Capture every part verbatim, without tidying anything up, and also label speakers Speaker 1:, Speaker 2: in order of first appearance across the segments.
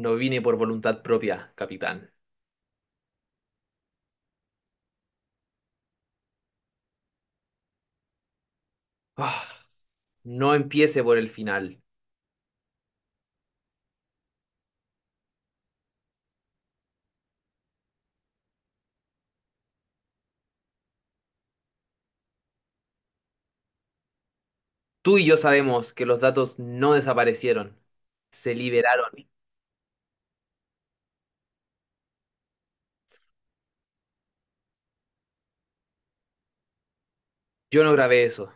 Speaker 1: No vine por voluntad propia, capitán. Ah, no empiece por el final. Tú y yo sabemos que los datos no desaparecieron, se liberaron. Yo no grabé eso.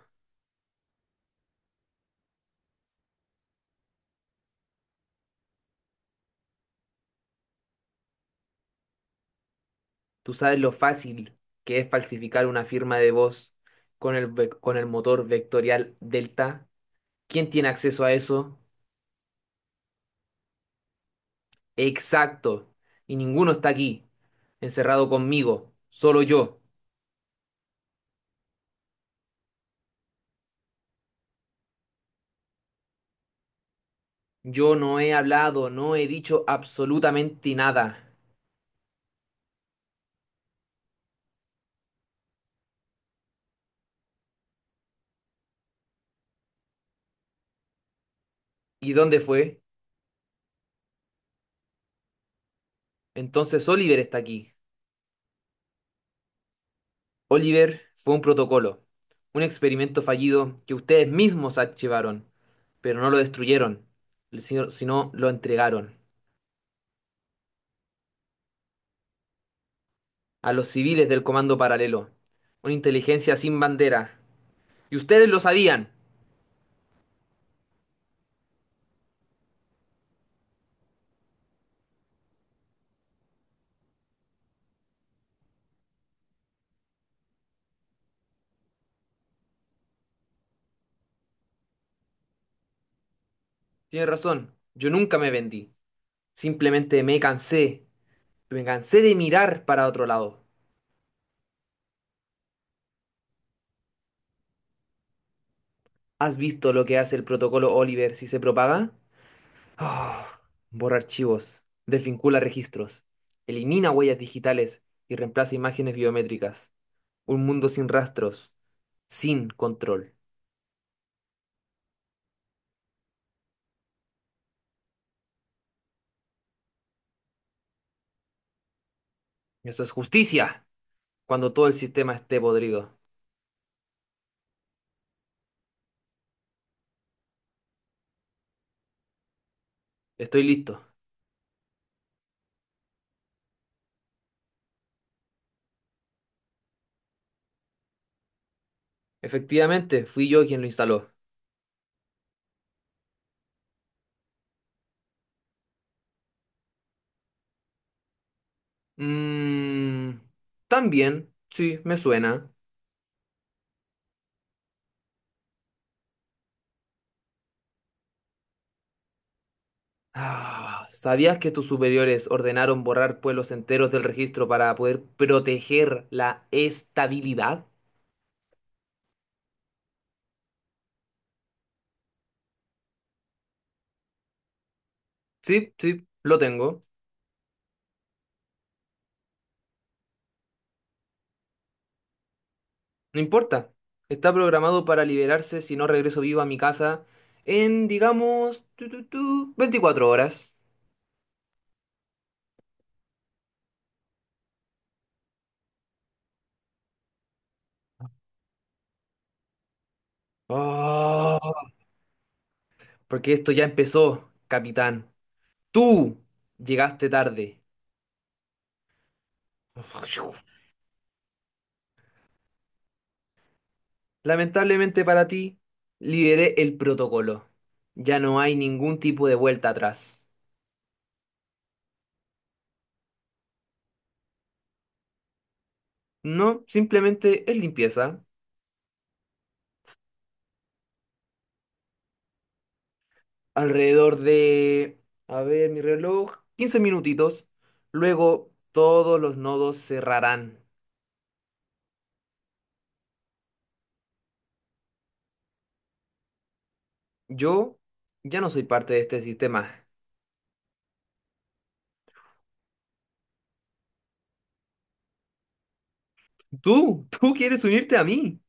Speaker 1: Tú sabes lo fácil que es falsificar una firma de voz con el, vec- con el motor vectorial Delta. ¿Quién tiene acceso a eso? Exacto. Y ninguno está aquí, encerrado conmigo, solo yo. Yo no he hablado, no he dicho absolutamente nada. ¿Y dónde fue? Entonces Oliver está aquí. Oliver fue un protocolo, un experimento fallido que ustedes mismos archivaron, pero no lo destruyeron, sino, sino lo entregaron a los civiles del Comando Paralelo, una inteligencia sin bandera. Y ustedes lo sabían. Tienen razón, yo nunca me vendí. Simplemente me cansé, me cansé de mirar para otro lado. ¿Has visto lo que hace el protocolo Oliver si se propaga? Ah, Borra archivos, desvincula registros, elimina huellas digitales y reemplaza imágenes biométricas. Un mundo sin rastros, sin control. Eso es justicia, cuando todo el sistema esté podrido. Estoy listo. Efectivamente, fui yo quien lo instaló. Mmm... También, sí, me suena. Ah, ¿sabías que tus superiores ordenaron borrar pueblos enteros del registro para poder proteger la estabilidad? Sí, sí, lo tengo. No importa. Está programado para liberarse si no regreso vivo a mi casa en, digamos, tu, tu, tu, veinticuatro horas. Ah, Porque esto ya empezó, capitán. Tú llegaste tarde. Lamentablemente para ti, liberé el protocolo. Ya no hay ningún tipo de vuelta atrás. No, simplemente es limpieza. Alrededor de, a ver, mi reloj, quince minutitos. Luego todos los nodos cerrarán. Yo ya no soy parte de este sistema. Tú, tú quieres unirte a mí.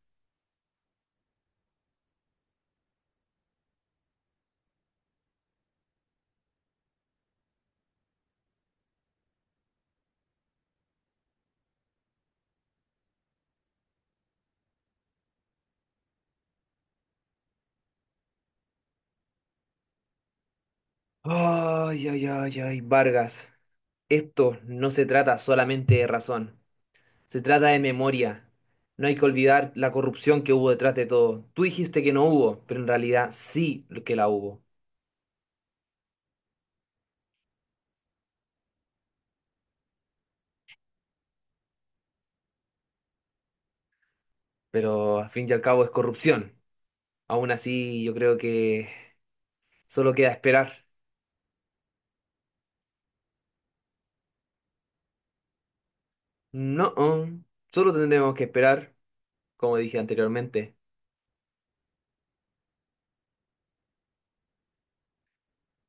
Speaker 1: Ay, ay, ay, ay, Vargas. Esto no se trata solamente de razón, se trata de memoria. No hay que olvidar la corrupción que hubo detrás de todo. Tú dijiste que no hubo, pero en realidad sí que la hubo. Pero al fin y al cabo es corrupción. Aún así, yo creo que solo queda esperar. No, solo tendremos que esperar, como dije anteriormente.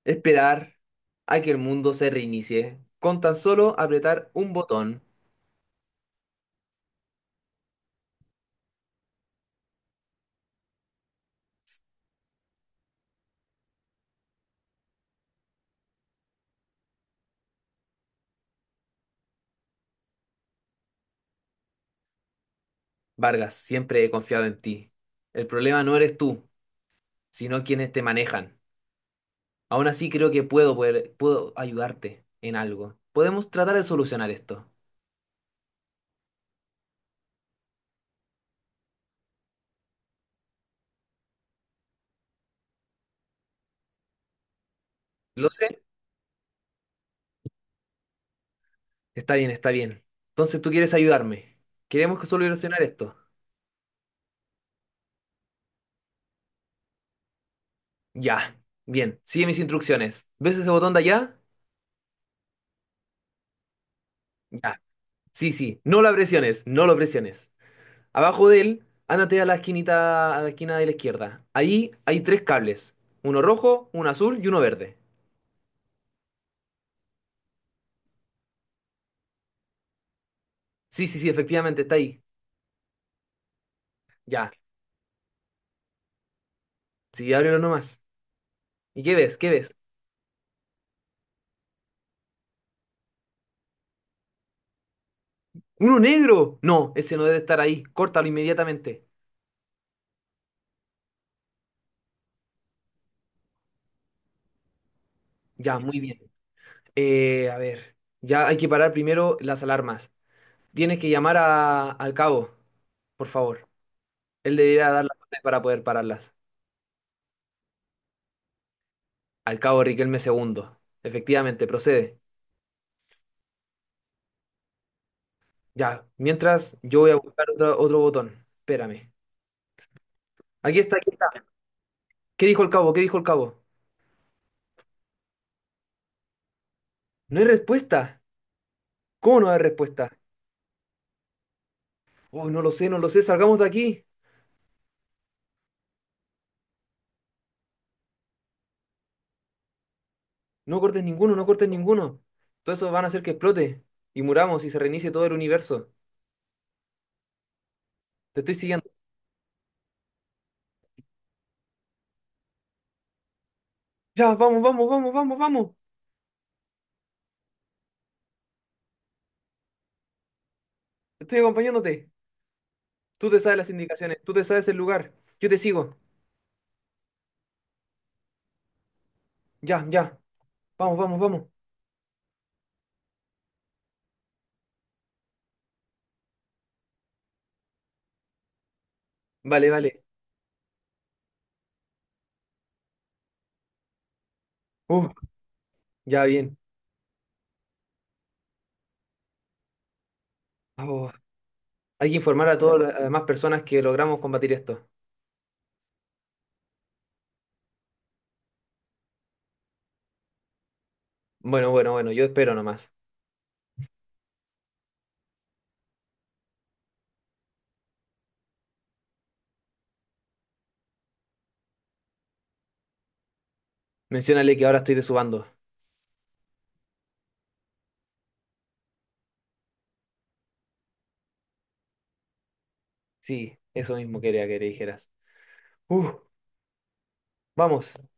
Speaker 1: Esperar a que el mundo se reinicie. Con tan solo apretar un botón. Vargas, siempre he confiado en ti. El problema no eres tú, sino quienes te manejan. Aún así creo que puedo poder- puedo ayudarte en algo. Podemos tratar de solucionar esto. Lo sé. Está bien, está bien. Entonces tú quieres ayudarme. Queremos que solucionar esto. Ya. Bien. Sigue mis instrucciones. ¿Ves ese botón de allá? Ya. Sí, sí, no la presiones, no lo presiones. Abajo de él, ándate a la esquinita, a la esquina de la izquierda. Ahí hay tres cables, uno rojo, uno azul y uno verde. Sí, sí, sí, efectivamente, está ahí. Ya, sí, ábrelo nomás. ¿Y qué ves? ¿Qué ves? ¡Uno negro! No, ese no debe estar ahí. Córtalo inmediatamente. Ya, muy bien. Eh, a ver, ya hay que parar primero las alarmas. Tienes que llamar a- al cabo, por favor. Él debería dar las órdenes para poder pararlas. Al cabo Riquelme segundo. Efectivamente, procede. Ya, mientras yo voy a buscar otro, otro botón. Espérame. Aquí está, aquí está. ¿Qué dijo el cabo? ¿Qué dijo el cabo? No hay respuesta. ¿Cómo no hay respuesta? Oh, no lo sé, no lo sé. Salgamos de aquí. No cortes ninguno, no cortes ninguno. Todo eso van a hacer que explote y muramos y se reinicie todo el universo. Te estoy siguiendo. Ya, vamos, vamos, vamos, vamos, vamos. Estoy acompañándote. Tú te sabes las indicaciones, tú te sabes el lugar. Yo te sigo. Ya, ya. Vamos, vamos, vamos. Vale, vale. Uh, ya bien. Oh, hay que informar a todas las demás personas que logramos combatir esto. Bueno, bueno, bueno, yo espero nomás. Menciónale que ahora estoy de su bando. Sí, eso mismo quería que le dijeras. Uf, vamos.